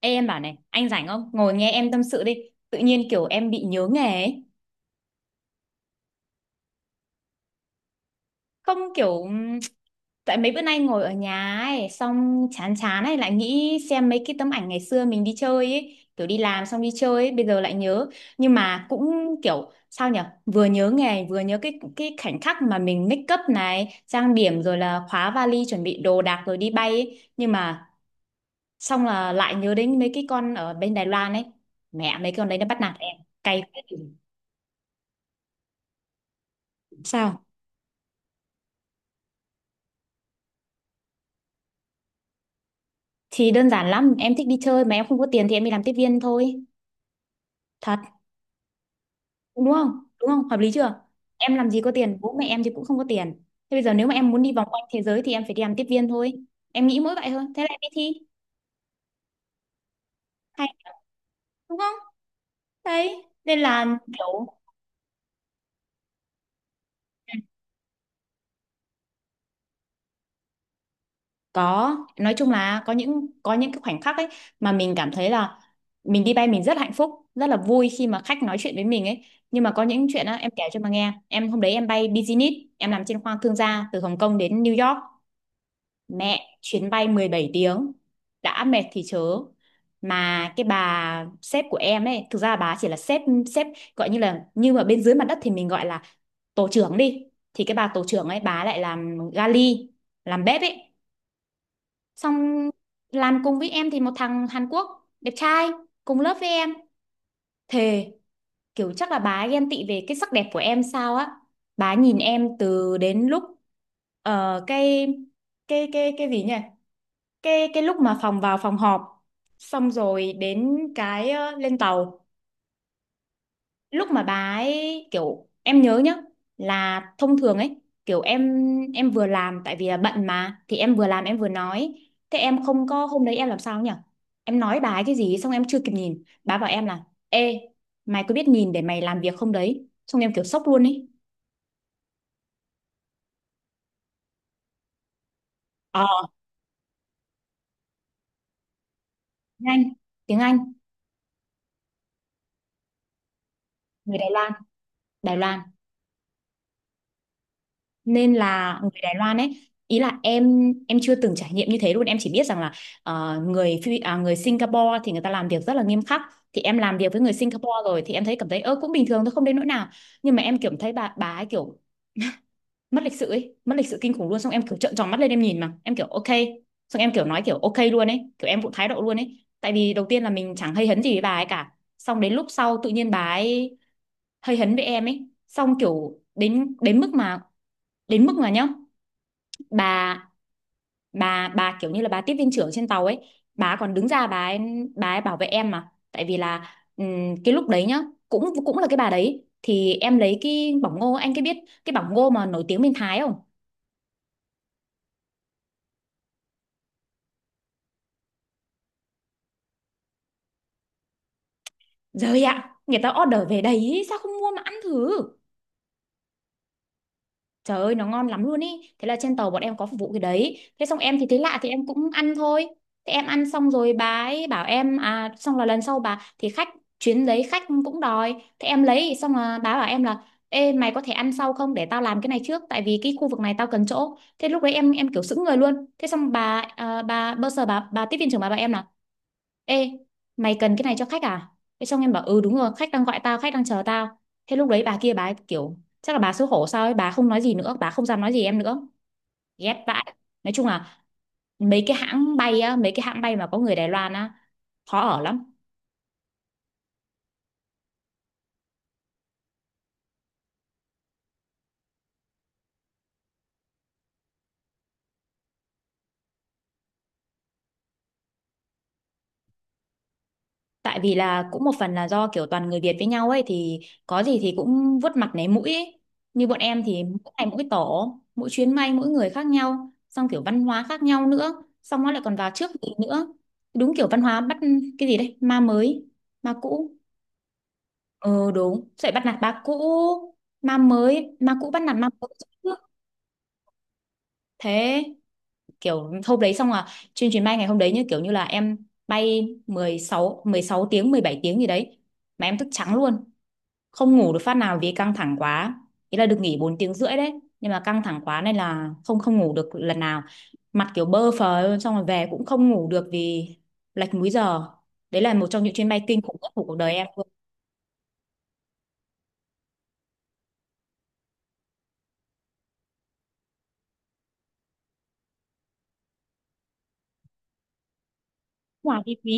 Ê, em bảo này, anh rảnh không? Ngồi nghe em tâm sự đi. Tự nhiên kiểu em bị nhớ nghề ấy. Không kiểu. Tại mấy bữa nay ngồi ở nhà ấy, xong chán chán ấy, lại nghĩ xem mấy cái tấm ảnh ngày xưa mình đi chơi ấy. Kiểu đi làm xong đi chơi ấy, bây giờ lại nhớ. Nhưng mà cũng kiểu, sao nhở. Vừa nhớ nghề, vừa nhớ cái khoảnh khắc mà mình make up này, trang điểm rồi là khóa vali, chuẩn bị đồ đạc rồi đi bay ấy. Nhưng mà xong là lại nhớ đến mấy cái con ở bên Đài Loan ấy. Mẹ, mấy con đấy nó bắt nạt em. Cay phết. Sao? Thì đơn giản lắm, em thích đi chơi mà em không có tiền thì em đi làm tiếp viên thôi. Thật, đúng không? Đúng không? Hợp lý chưa? Em làm gì có tiền, bố mẹ em thì cũng không có tiền. Thế bây giờ nếu mà em muốn đi vòng quanh thế giới thì em phải đi làm tiếp viên thôi. Em nghĩ mỗi vậy thôi, thế là em đi thi. Hay, đúng không? Đấy, nên là kiểu. Có, nói chung là có những cái khoảnh khắc ấy mà mình cảm thấy là mình đi bay mình rất hạnh phúc, rất là vui khi mà khách nói chuyện với mình ấy. Nhưng mà có những chuyện á em kể cho mà nghe. Em hôm đấy em bay business, em làm trên khoang thương gia từ Hồng Kông đến New York. Mẹ, chuyến bay 17 tiếng, đã mệt thì chớ. Mà cái bà sếp của em ấy, thực ra bà chỉ là sếp sếp gọi như là như mà bên dưới mặt đất thì mình gọi là tổ trưởng đi. Thì cái bà tổ trưởng ấy bà lại làm gali, làm bếp ấy, xong làm cùng với em thì một thằng Hàn Quốc đẹp trai cùng lớp với em, thề, kiểu chắc là bà ấy ghen tị về cái sắc đẹp của em sao á, bà nhìn em từ đến lúc ờ, cái cái gì nhỉ, cái lúc mà phòng vào phòng họp, xong rồi đến cái lên tàu, lúc mà bà ấy kiểu em nhớ nhá, là thông thường ấy, kiểu em vừa làm tại vì là bận mà, thì em vừa làm em vừa nói. Thế em không có, hôm đấy em làm sao nhỉ, em nói bà ấy cái gì xong em chưa kịp nhìn, bà bảo em là ê, mày có biết nhìn để mày làm việc không đấy, xong em kiểu sốc luôn ấy. ờ Tiếng Anh. Tiếng Anh. Người Đài Loan. Đài Loan. Nên là người Đài Loan ấy, ý là em chưa từng trải nghiệm như thế luôn, em chỉ biết rằng là người Phi- à, người Singapore thì người ta làm việc rất là nghiêm khắc, thì em làm việc với người Singapore rồi thì em thấy cảm thấy ơ cũng bình thường thôi không đến nỗi nào. Nhưng mà em kiểu thấy bà ấy kiểu mất lịch sự ấy, mất lịch sự kinh khủng luôn, xong em kiểu trợn tròn mắt lên em nhìn mà em kiểu ok, xong em kiểu nói kiểu ok luôn ấy, kiểu em cũng thái độ luôn ấy, tại vì đầu tiên là mình chẳng hay hấn gì với bà ấy cả, xong đến lúc sau tự nhiên bà ấy hơi hấn với em ấy, xong kiểu đến đến mức mà nhá, bà bà kiểu như là bà tiếp viên trưởng trên tàu ấy, bà còn đứng ra, bà ấy bảo vệ em, mà tại vì là cái lúc đấy nhá, cũng cũng là cái bà đấy, thì em lấy cái bỏng ngô, anh cái biết cái bỏng ngô mà nổi tiếng bên Thái không? Rồi ạ, người ta order về đấy sao không mua mà ăn thử. Trời ơi nó ngon lắm luôn ý. Thế là trên tàu bọn em có phục vụ cái đấy. Thế xong em thì thấy lạ thì em cũng ăn thôi. Thế em ăn xong rồi bà ấy bảo em. À xong là lần sau bà. Thì khách chuyến đấy khách cũng đòi. Thế em lấy xong là bà bảo em là ê, mày có thể ăn sau không, để tao làm cái này trước, tại vì cái khu vực này tao cần chỗ. Thế lúc đấy em kiểu sững người luôn. Thế xong bà à, bà bơ sờ bà tiếp viên trưởng bà bảo em là ê, mày cần cái này cho khách à? Thế xong em bảo ừ đúng rồi, khách đang gọi tao, khách đang chờ tao. Thế lúc đấy bà kia bà ấy kiểu, chắc là bà xấu hổ sao ấy, bà không nói gì nữa, bà không dám nói gì em nữa. Ghét vãi. Nói chung là mấy cái hãng bay á, mấy cái hãng bay mà có người Đài Loan á, khó ở lắm. Tại vì là cũng một phần là do kiểu toàn người Việt với nhau ấy thì có gì thì cũng vuốt mặt nấy mũi ấy. Như bọn em thì mỗi ngày mỗi tổ, mỗi chuyến bay mỗi người khác nhau, xong kiểu văn hóa khác nhau nữa, xong nó lại còn vào trước mình nữa. Đúng kiểu văn hóa bắt cái gì đấy, ma mới, ma cũ. Ờ đúng, dạy bắt nạt ba cũ, ma mới, ma cũ bắt nạt ma mới. Thế kiểu hôm đấy xong là trên chuyến bay ngày hôm đấy, như kiểu như là em bay 16 tiếng 17 tiếng gì đấy mà em thức trắng luôn, không ngủ được phát nào vì căng thẳng quá. Ý là được nghỉ 4 tiếng rưỡi đấy, nhưng mà căng thẳng quá nên là không không ngủ được lần nào, mặt kiểu bơ phờ luôn, xong rồi về cũng không ngủ được vì lệch múi giờ. Đấy là một trong những chuyến bay kinh khủng nhất của cuộc đời em luôn. Ngoài chi phí.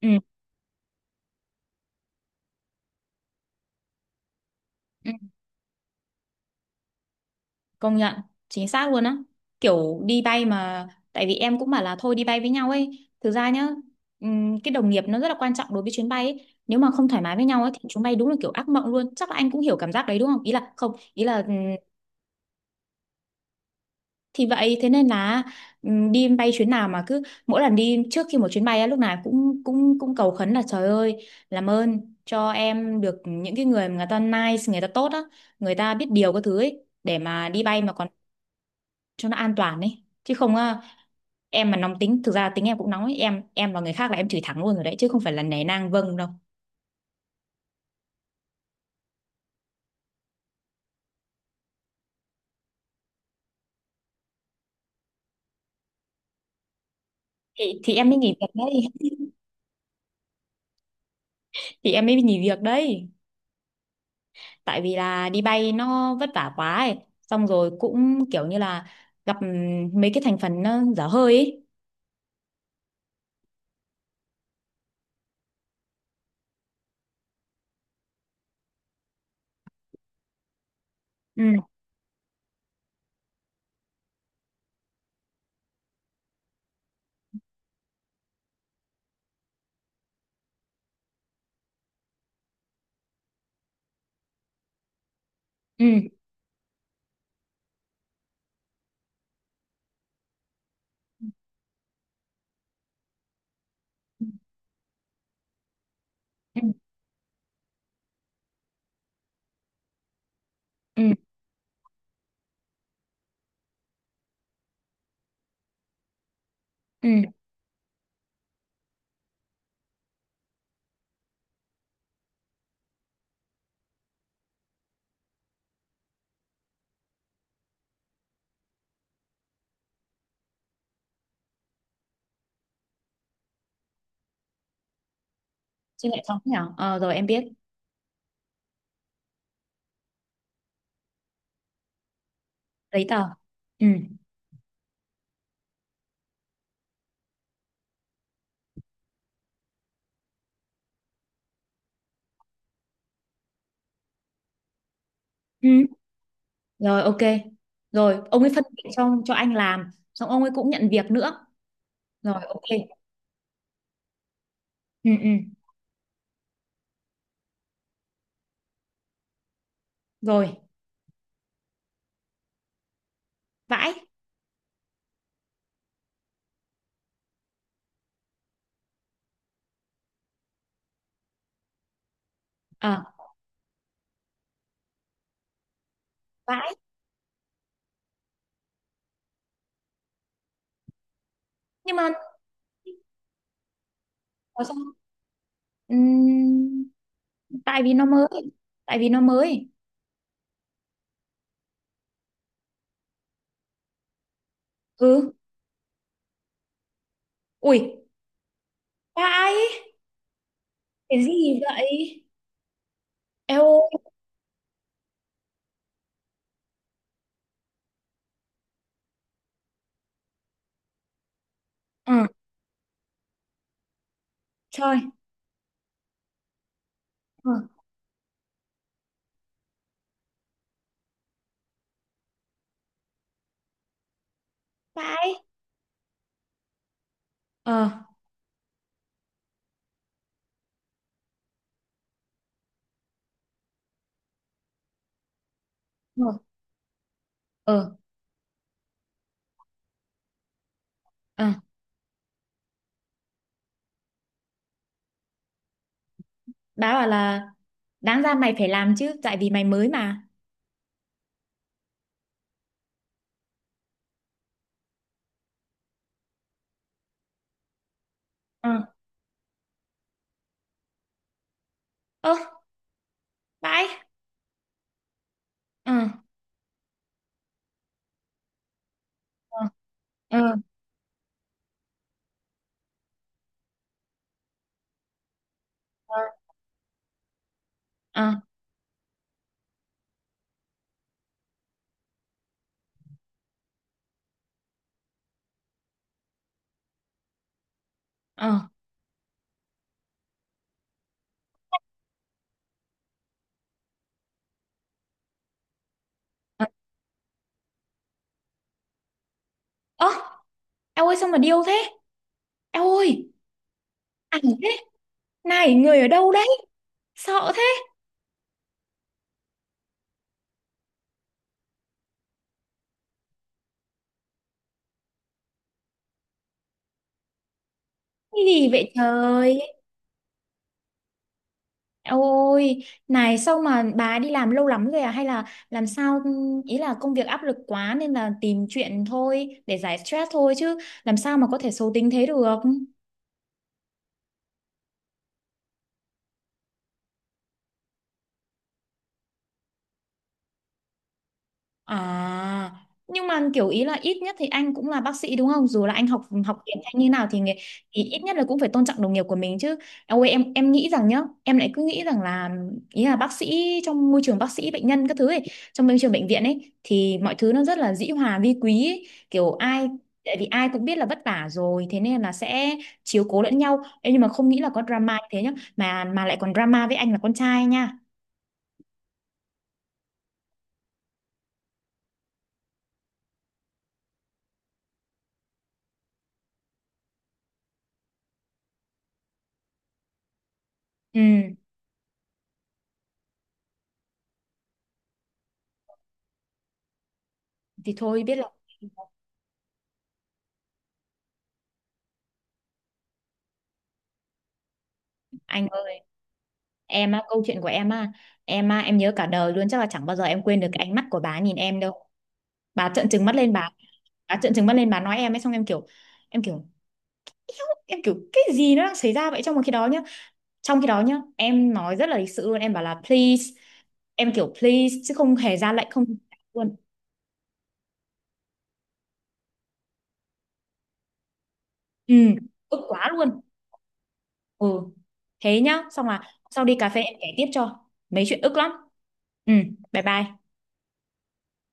Ừ, ừ, công nhận, chính xác luôn á, kiểu đi bay mà, tại vì em cũng bảo là thôi đi bay với nhau ấy thực ra nhá, cái đồng nghiệp nó rất là quan trọng đối với chuyến bay ấy. Nếu mà không thoải mái với nhau ấy thì chuyến bay đúng là kiểu ác mộng luôn, chắc là anh cũng hiểu cảm giác đấy đúng không, ý là không, ý là thì vậy thế nên là đi bay chuyến nào mà cứ mỗi lần đi trước khi một chuyến bay á lúc nào cũng cũng cũng cầu khấn là trời ơi làm ơn cho em được những cái người mà người ta nice, người ta tốt á, người ta biết điều các thứ ấy để mà đi bay mà còn cho nó an toàn ấy, chứ không á, em mà nóng tính, thực ra tính em cũng nóng ấy, em và người khác là em chửi thẳng luôn rồi đấy chứ không phải là nể nang vâng đâu. Thì em mới nghỉ việc đấy. Thì em mới nghỉ việc đấy, tại vì là đi bay nó vất vả quá ấy. Xong rồi cũng kiểu như là gặp mấy cái thành phần nó dở hơi ấy. Ừ, ừ, ừ, ừ, ừ. Chứ lại xong thế nào? Ờ, rồi em biết. Giấy tờ. Ừ, ừ. Rồi, ok. Rồi, ông ấy phân việc cho anh làm. Xong ông ấy cũng nhận việc nữa. Rồi, ok. Ừ, ừ. Rồi, vãi. Ờ, vãi. Nhưng mà nói sao? Ừm, tại vì nó mới. Tại vì nó mới. Ừ. Ui, vãi. Cái gì vậy? Eo, ừ, trời, ừ, vãi, ờ, ừ. Ờ, ờ, bà bảo là đáng ra mày phải làm chứ, tại vì mày mới mà. Ừ. Ơ, vãi. Ờ. Ừ. Ừ. Ừ. Ờ. Ờ. Ờ. Ơ. Eo ơi sao mà điêu thế. Eo ơi. Ảnh thế. Này người ở đâu đấy. Sợ thế. Cái gì vậy trời. Ôi, này sao mà bà đi làm lâu lắm rồi à? Hay là làm sao, ý là công việc áp lực quá nên là tìm chuyện thôi để giải stress thôi, chứ làm sao mà có thể xấu tính thế được? À, nhưng mà kiểu ý là ít nhất thì anh cũng là bác sĩ đúng không? Dù là anh học học tiếng hay như nào thì, nghề- thì ít nhất là cũng phải tôn trọng đồng nghiệp của mình chứ. Ôi em nghĩ rằng nhá, em lại cứ nghĩ rằng là, ý là bác sĩ trong môi trường bác sĩ bệnh nhân các thứ ấy, trong môi trường bệnh viện ấy thì mọi thứ nó rất là dĩ hòa vi quý ấy. Kiểu ai, tại vì ai cũng biết là vất vả rồi thế nên là sẽ chiếu cố lẫn nhau. Ê, nhưng mà không nghĩ là có drama như thế nhá, mà lại còn drama với anh là con trai nha. Ừ, thì thôi biết là. Anh ơi, em á, câu chuyện của em á, em á, em nhớ cả đời luôn, chắc là chẳng bao giờ em quên được cái ánh mắt của bà nhìn em đâu. Bà trợn trừng mắt lên bà trợn trừng mắt lên bà nói em ấy, xong em kiểu em kiểu cái gì nó đang xảy ra vậy trong một khi đó nhá. Trong khi đó nhá, em nói rất là lịch sự luôn, em bảo là please, em kiểu please chứ không hề ra lệnh không luôn. Ừ, ức quá luôn. Ừ. Thế nhá, xong là sau đi cà phê em kể tiếp cho. Mấy chuyện ức lắm. Ừ, bye bye.